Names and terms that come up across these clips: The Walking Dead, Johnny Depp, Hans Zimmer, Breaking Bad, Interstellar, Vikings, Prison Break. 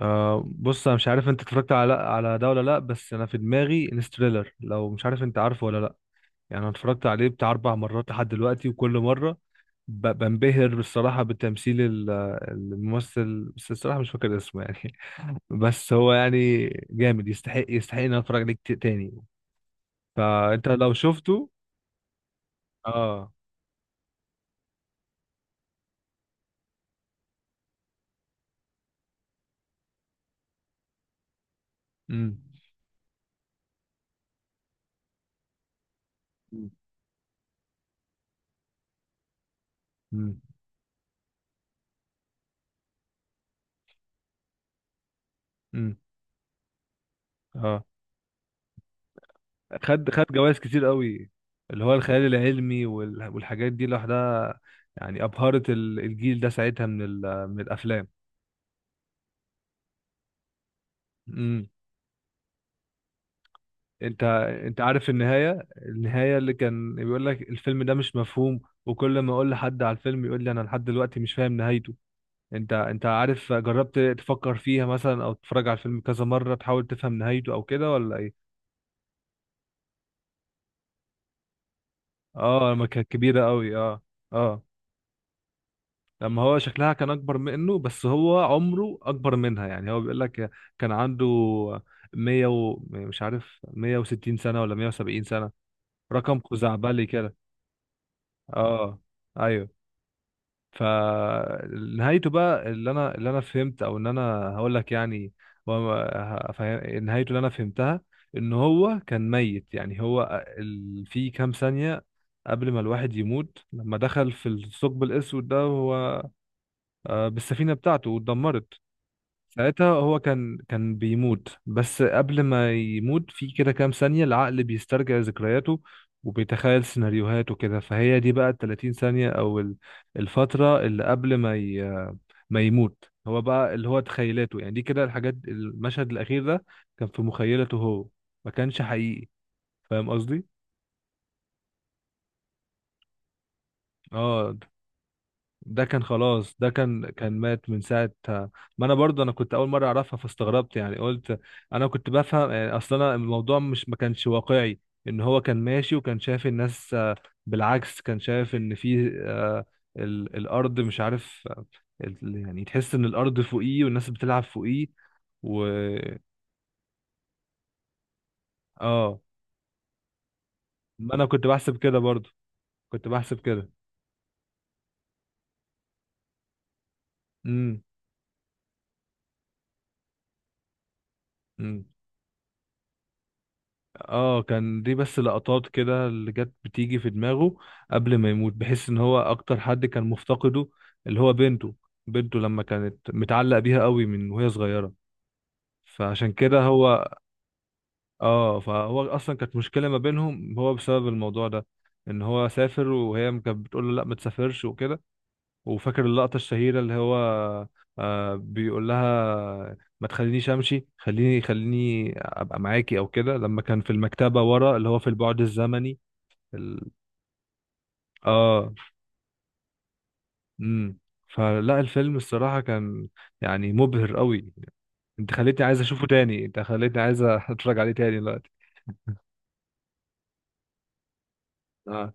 بص، انا مش عارف انت اتفرجت على ده ولا لا. بس انا في دماغي انستريلر، لو مش عارف. انت عارفه ولا لا؟ يعني انا اتفرجت عليه بتاع اربع مرات لحد دلوقتي، وكل مره بنبهر بالصراحه بتمثيل الممثل، بس الصراحه مش فاكر اسمه يعني. بس هو يعني جامد، يستحق ان أنا اتفرج عليه كتير تاني. فانت لو شفته. اه. امم. امم. امم. امم، اه. خد جوائز كتير قوي، اللي هو الخيال العلمي والحاجات دي لوحدها. يعني أبهرت الجيل ده ساعتها من الأفلام. امم. انت انت عارف، النهاية اللي كان بيقول لك الفيلم ده مش مفهوم، وكل ما اقول لحد على الفيلم يقول لي انا لحد دلوقتي مش فاهم نهايته. انت عارف، جربت تفكر فيها مثلا، او تتفرج على الفيلم كذا مرة تحاول تفهم نهايته او كده، ولا ايه؟ اه، لما كانت كبيرة قوي، اه. اه، لما هو شكلها كان اكبر منه، بس هو عمره اكبر منها. يعني هو بيقول لك كان عنده 100 مش عارف 160 سنة ولا 170 سنة، رقم خزعبلي كده. اه. ايوه. فنهايته بقى اللي انا فهمت، او ان انا هقول لك يعني. نهايته اللي انا فهمتها ان هو كان ميت. يعني هو في كام ثانية قبل ما الواحد يموت، لما دخل في الثقب الاسود ده، هو بالسفينة بتاعته واتدمرت. ساعتها هو كان بيموت، بس قبل ما يموت في كده كام ثانية، العقل بيسترجع ذكرياته وبيتخيل سيناريوهات وكده. فهي دي بقى ال 30 ثانية، أو الفترة اللي قبل ما ما يموت، هو بقى اللي هو تخيلاته يعني. دي كده الحاجات، المشهد الأخير ده كان في مخيلته هو، ما كانش حقيقي. فاهم قصدي؟ اه. ده كان خلاص، ده كان مات من ساعة. ما انا برضه، انا كنت اول مرة اعرفها فاستغربت، يعني قلت انا كنت بفهم يعني. اصلا انا الموضوع مش ما كانش واقعي، ان هو كان ماشي وكان شايف الناس، بالعكس كان شايف ان في، الارض مش عارف، يعني تحس ان الارض فوقيه والناس بتلعب فوقيه. و. اه. ما انا كنت بحسب كده برضه، كنت بحسب كده. امم. امم. اه، كان دي بس لقطات كده اللي جت بتيجي في دماغه قبل ما يموت، بحيث ان هو اكتر حد كان مفتقده اللي هو بنته. بنته لما كانت متعلق بيها قوي من وهي صغيرة، فعشان كده هو. اه، فهو اصلا كانت مشكلة ما بينهم هو بسبب الموضوع ده، ان هو سافر وهي كانت بتقول له لا ما تسافرش وكده. وفاكر اللقطة الشهيرة اللي هو، بيقول لها ما تخلينيش امشي، خليني خليني ابقى معاكي او كده، لما كان في المكتبة ورا اللي هو في البعد الزمني ال... اه. امم. فلا الفيلم الصراحة كان، يعني مبهر قوي. انت خليتني عايز اشوفه تاني، انت خليتني عايز اتفرج عليه تاني دلوقتي. اه.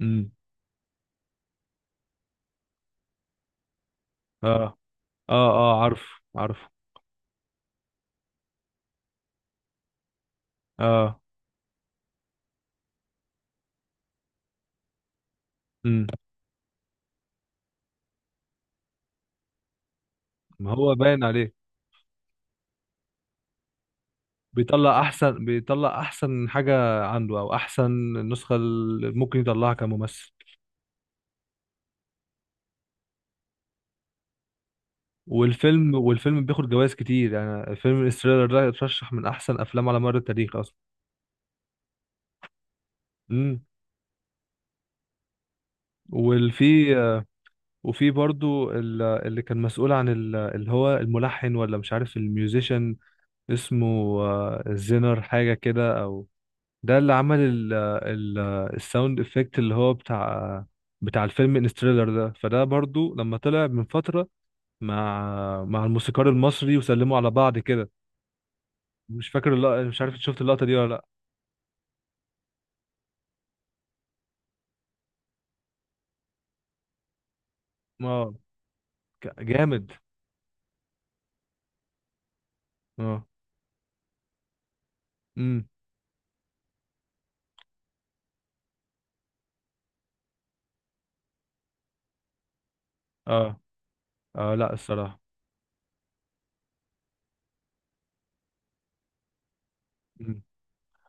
امم. اه. اه. اه. عارف. عارف. اه. امم. ما هو باين عليه. بيطلع احسن حاجه عنده، او احسن النسخه اللي ممكن يطلعها كممثل. والفيلم بياخد جوائز كتير، يعني فيلم انستيلر ده اترشح من احسن افلام على مر التاريخ اصلا. امم. والفي وفي برضو اللي كان مسؤول عن اللي هو الملحن، ولا مش عارف الميوزيشن، اسمه زينر حاجه كده، او ده اللي عمل ال الساوند افكت اللي هو بتاع الفيلم انستيلر ده. فده برضو لما طلع من فتره مع الموسيقار المصري وسلموا على بعض كده. مش فاكر اللقطة، مش عارف إنت شفت اللقطة دي ولا لا. اه. جامد. اه. امم. اه. اه، لا الصراحة. مم.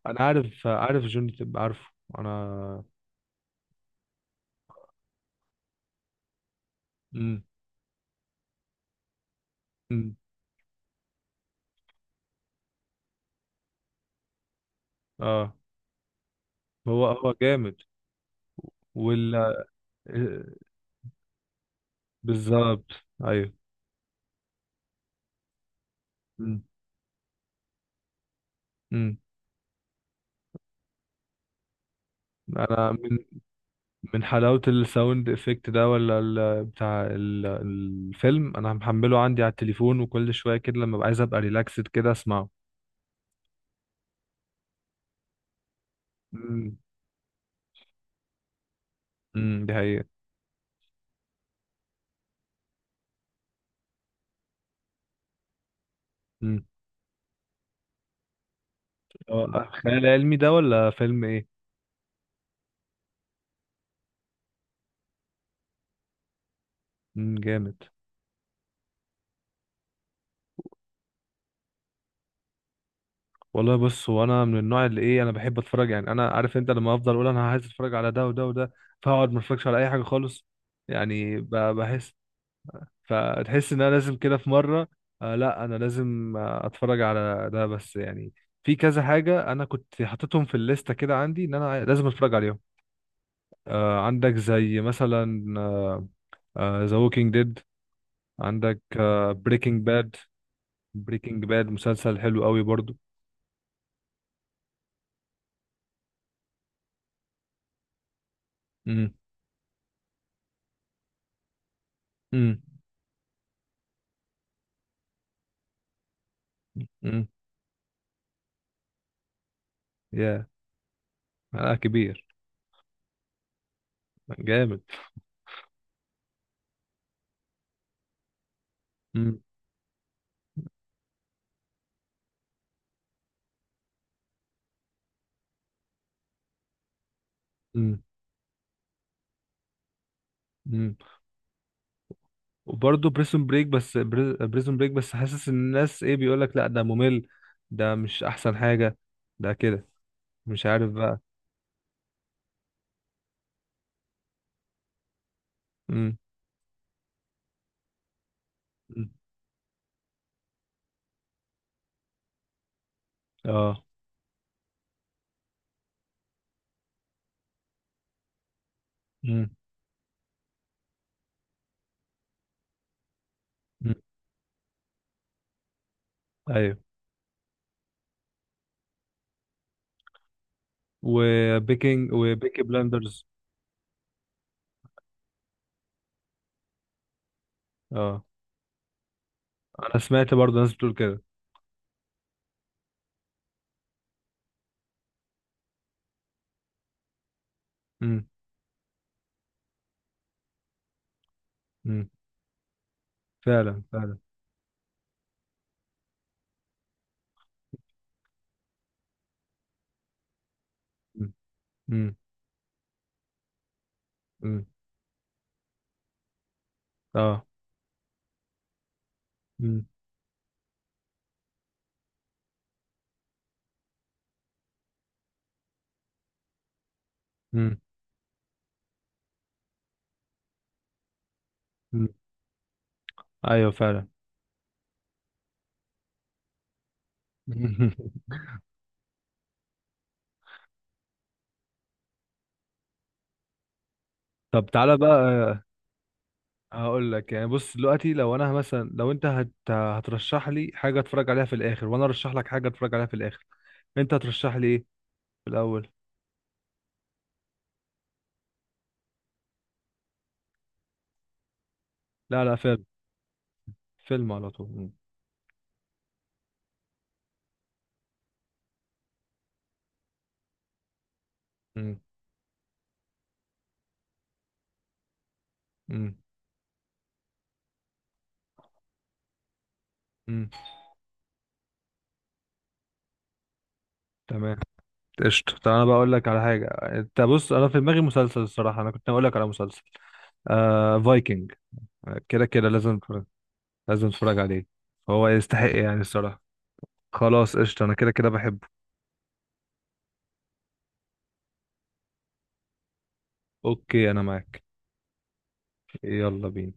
انا عارف جوني تب، عارفه انا. امم. امم. اه، هو هو جامد. وال آه، بالظبط. ايوه. امم. امم. انا من من حلاوة الساوند افكت ده، ولا الفيلم، انا محمله عندي على التليفون، وكل شوية كده لما ابقى عايز ابقى ريلاكسد كده اسمعه. امم. امم، دي حقيقة. امم. اه، خيال العلمي ده ولا فيلم ايه؟ امم. جامد. والله بص، هو انا من النوع اللي ايه، انا بحب اتفرج يعني. انا عارف انت، لما افضل اقول انا عايز اتفرج على ده وده وده، فاقعد ما اتفرجش على اي حاجة خالص. يعني بحس، فتحس ان انا لازم كده في مرة، آه لا انا لازم اتفرج على ده بس يعني. في كذا حاجة انا كنت حاططهم في الليستة كده عندي، ان انا لازم اتفرج عليهم. عندك زي مثلا ذا ووكينج ديد. عندك بريكنج باد. بريكنج باد مسلسل حلو قوي برضو. امم. امم. امم. يا، آه كبير. جامد. امم. امم. امم. وبرضه بريسون بريك، بس حاسس ان الناس ايه بيقول لك لا، ده ممل، ده مش احسن حاجة، ده كده، مش عارف بقى. امم. أمم. اه. امم. أمم. ايوه. وبيكي بلاندرز. اه. انا سمعت برضه ناس بتقول كده. امم. امم. فعلا فعلا. امم. امم. أمم. اه. مم. مم. مم. ايوه فعلا. طب تعالى بقى. هقول لك يعني، بص دلوقتي لو انا مثلا، لو انت هترشح لي حاجه اتفرج عليها في الاخر، وانا ارشح لك حاجه اتفرج عليها في الاخر. انت هترشح لي ايه في الاول؟ لا لا، فيلم. فيلم على طول. مم. مم. مم. مم. تمام. قشطه. طب انا بقى اقول لك على حاجه، انت بص انا في دماغي مسلسل الصراحه، انا كنت هقول لك على مسلسل، فايكنج. كده كده لازم لازم اتفرج عليه. هو يستحق يعني الصراحه. خلاص قشطه، انا كده كده بحبه. اوكي، انا معاك. يلا بينا.